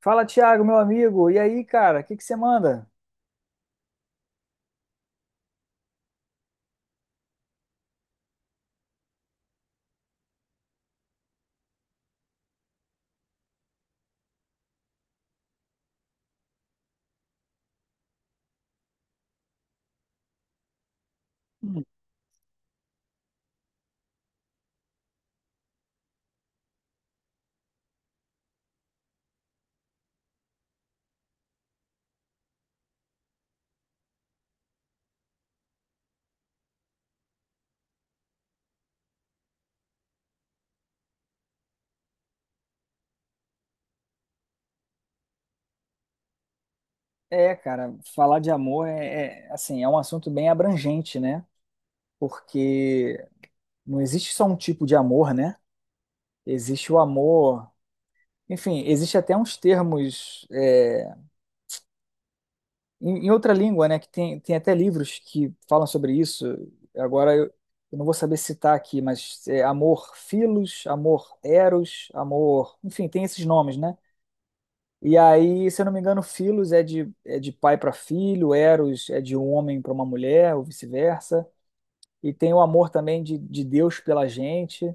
Fala, Thiago, meu amigo. E aí, cara, o que que você manda? É, cara, falar de amor assim, é um assunto bem abrangente, né? Porque não existe só um tipo de amor, né? Existe o amor, enfim, existe até uns termos em outra língua, né? Que tem, tem até livros que falam sobre isso. Agora eu não vou saber citar aqui, mas é amor filos, amor eros, amor, enfim, tem esses nomes, né? E aí, se eu não me engano, Filos é de pai para filho, Eros é de um homem para uma mulher, ou vice-versa. E tem o amor também de Deus pela gente.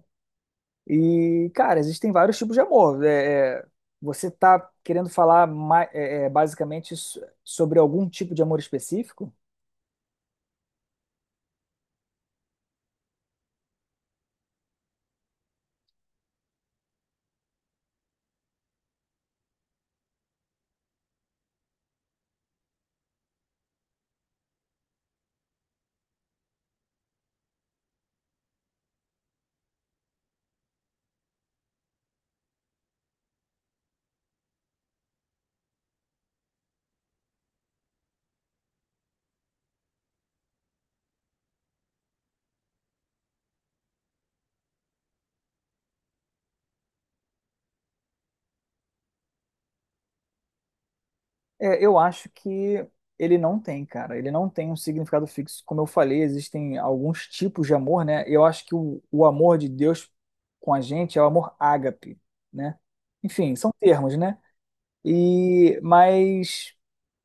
E, cara, existem vários tipos de amor. Você tá querendo falar basicamente sobre algum tipo de amor específico? É, eu acho que ele não tem, cara. Ele não tem um significado fixo. Como eu falei, existem alguns tipos de amor, né? Eu acho que o amor de Deus com a gente é o amor ágape, né? Enfim, são termos, né? E, mas,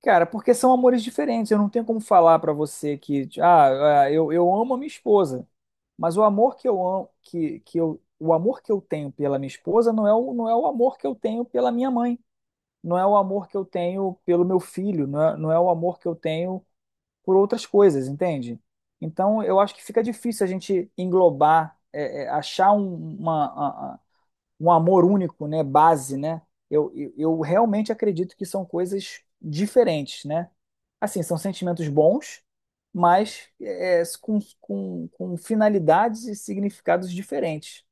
cara, porque são amores diferentes. Eu não tenho como falar pra você que, eu amo a minha esposa, mas o amor que eu amo, o amor que eu tenho pela minha esposa não é não é o amor que eu tenho pela minha mãe, não é o amor que eu tenho pelo meu filho, não é o amor que eu tenho por outras coisas, entende? Então, eu acho que fica difícil a gente englobar, achar um amor único, né, base, né? Eu realmente acredito que são coisas diferentes, né? Assim, são sentimentos bons, mas com finalidades e significados diferentes.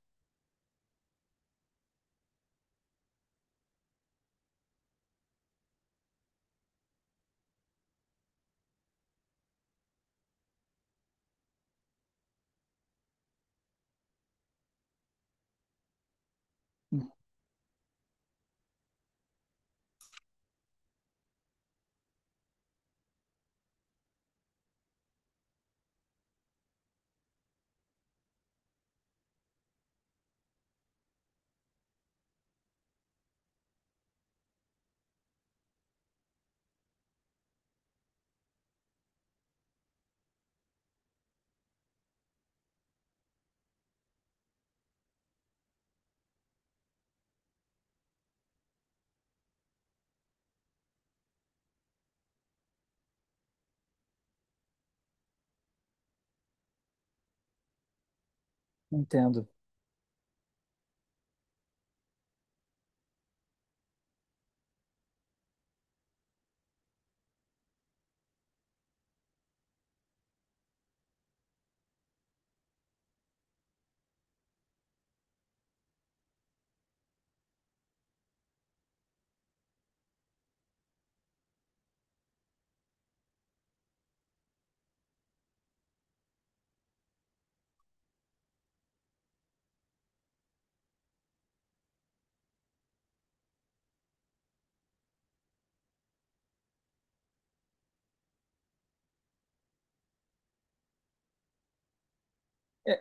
Entendo. É,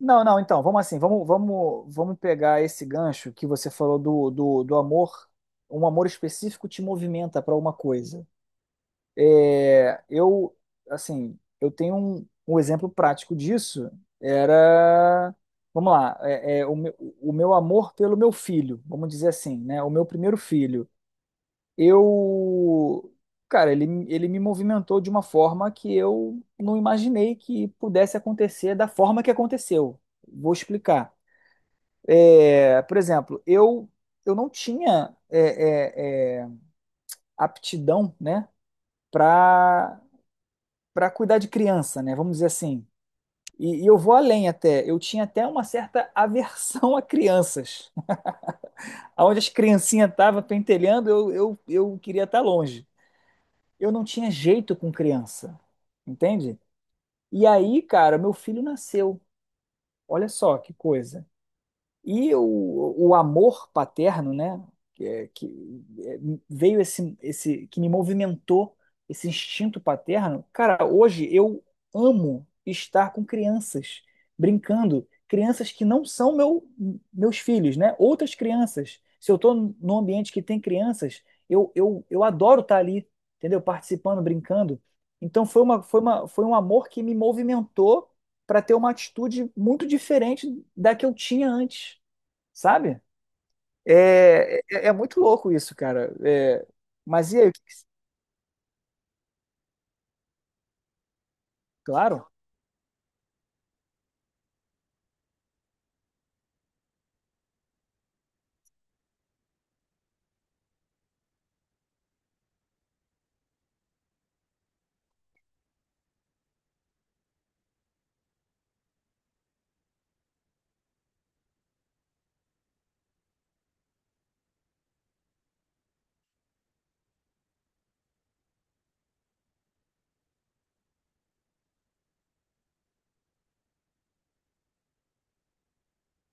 não, não, então, vamos assim, vamos pegar esse gancho que você falou do amor, um amor específico te movimenta para uma coisa. É, eu, assim, eu tenho um exemplo prático disso, era, vamos lá, o meu amor pelo meu filho, vamos dizer assim, né, o meu primeiro filho. Eu, cara, ele me movimentou de uma forma que eu não imaginei que pudesse acontecer da forma que aconteceu. Vou explicar. É, por exemplo, eu não tinha aptidão, né, para para cuidar de criança, né? Vamos dizer assim. E eu vou além até. Eu tinha até uma certa aversão a crianças. Aonde as criancinhas estavam pentelhando, eu queria estar longe. Eu não tinha jeito com criança, entende? E aí, cara, meu filho nasceu. Olha só que coisa. E o amor paterno, né, que, é- que é, veio que me movimentou, esse instinto paterno. Cara, hoje eu amo estar com crianças, brincando, crianças que não são meu, meus filhos, né, outras crianças. Se eu estou num ambiente que tem crianças, eu adoro estar ali, entendeu? Participando, brincando. Então foi um amor que me movimentou para ter uma atitude muito diferente da que eu tinha antes, sabe? É muito louco isso, cara. É, mas e aí? Claro,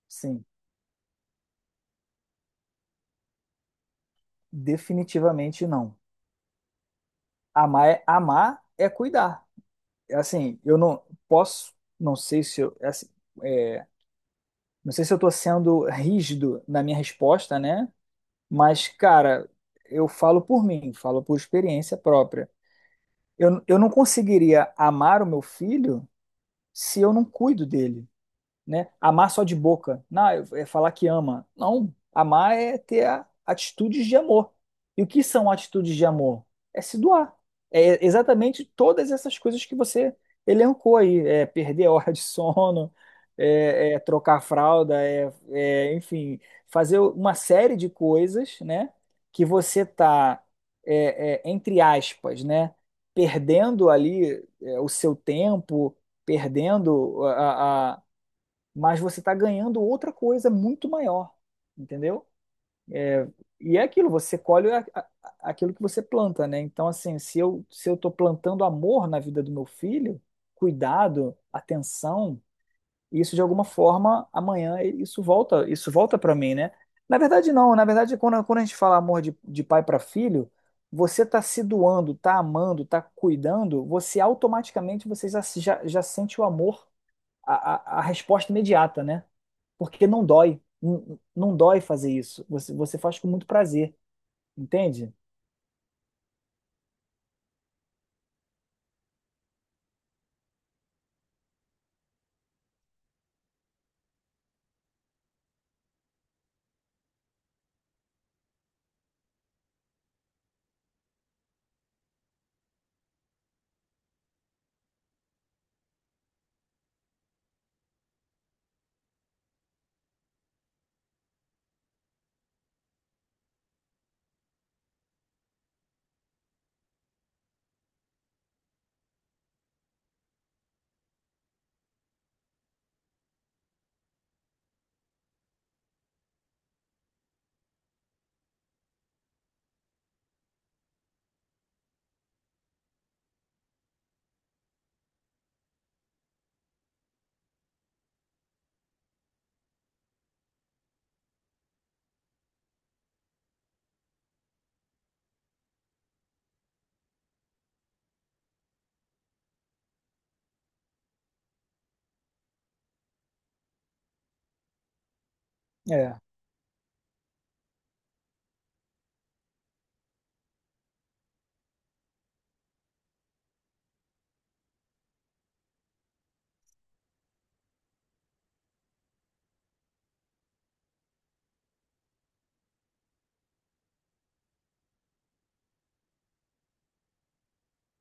sim, definitivamente não. Amar é cuidar. É. Assim, eu não posso, não sei se eu, é assim, é, não sei se eu tô sendo rígido na minha resposta, né? Mas, cara, eu falo por mim, falo por experiência própria. Eu não conseguiria amar o meu filho se eu não cuido dele. Né? Amar só de boca. Não, é falar que ama. Não, amar é ter atitudes de amor. E o que são atitudes de amor? É se doar. É exatamente todas essas coisas que você elencou aí. É perder a hora de sono, é trocar a fralda, enfim, fazer uma série de coisas, né? Que você tá, entre aspas, né? Perdendo ali, é, o seu tempo, perdendo mas você está ganhando outra coisa muito maior, entendeu? E é aquilo, você colhe aquilo que você planta, né? Então, assim, se eu estou plantando amor na vida do meu filho, cuidado, atenção, isso de alguma forma amanhã isso volta para mim, né? Na verdade, não. Na verdade, quando a gente fala amor de pai para filho, você está se doando, está amando, está cuidando, você automaticamente você já sente o amor, a resposta imediata, né? Porque não dói. Não, não dói fazer isso. Você faz com muito prazer, entende? É.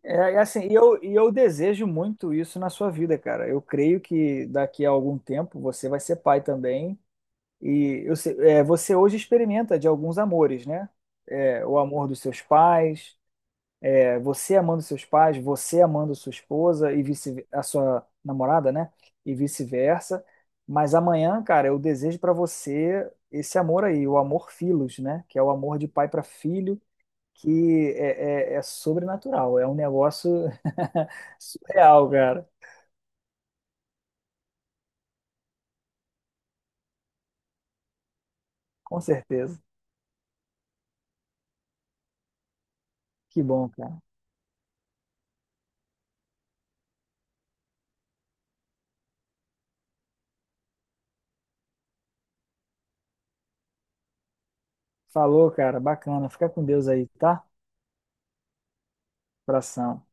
É, é assim, e eu desejo muito isso na sua vida, cara. Eu creio que daqui a algum tempo você vai ser pai também. E eu, sei- é, você hoje experimenta de alguns amores, né? É, o amor dos seus pais, é, você amando seus pais, você amando sua esposa e vice a sua namorada, né? E vice-versa. Mas amanhã, cara, eu desejo para você esse amor aí, o amor filos, né? Que é o amor de pai para filho, é sobrenatural, é um negócio surreal, cara. Com certeza. Que bom, cara. Falou, cara. Bacana. Fica com Deus aí, tá? Abração.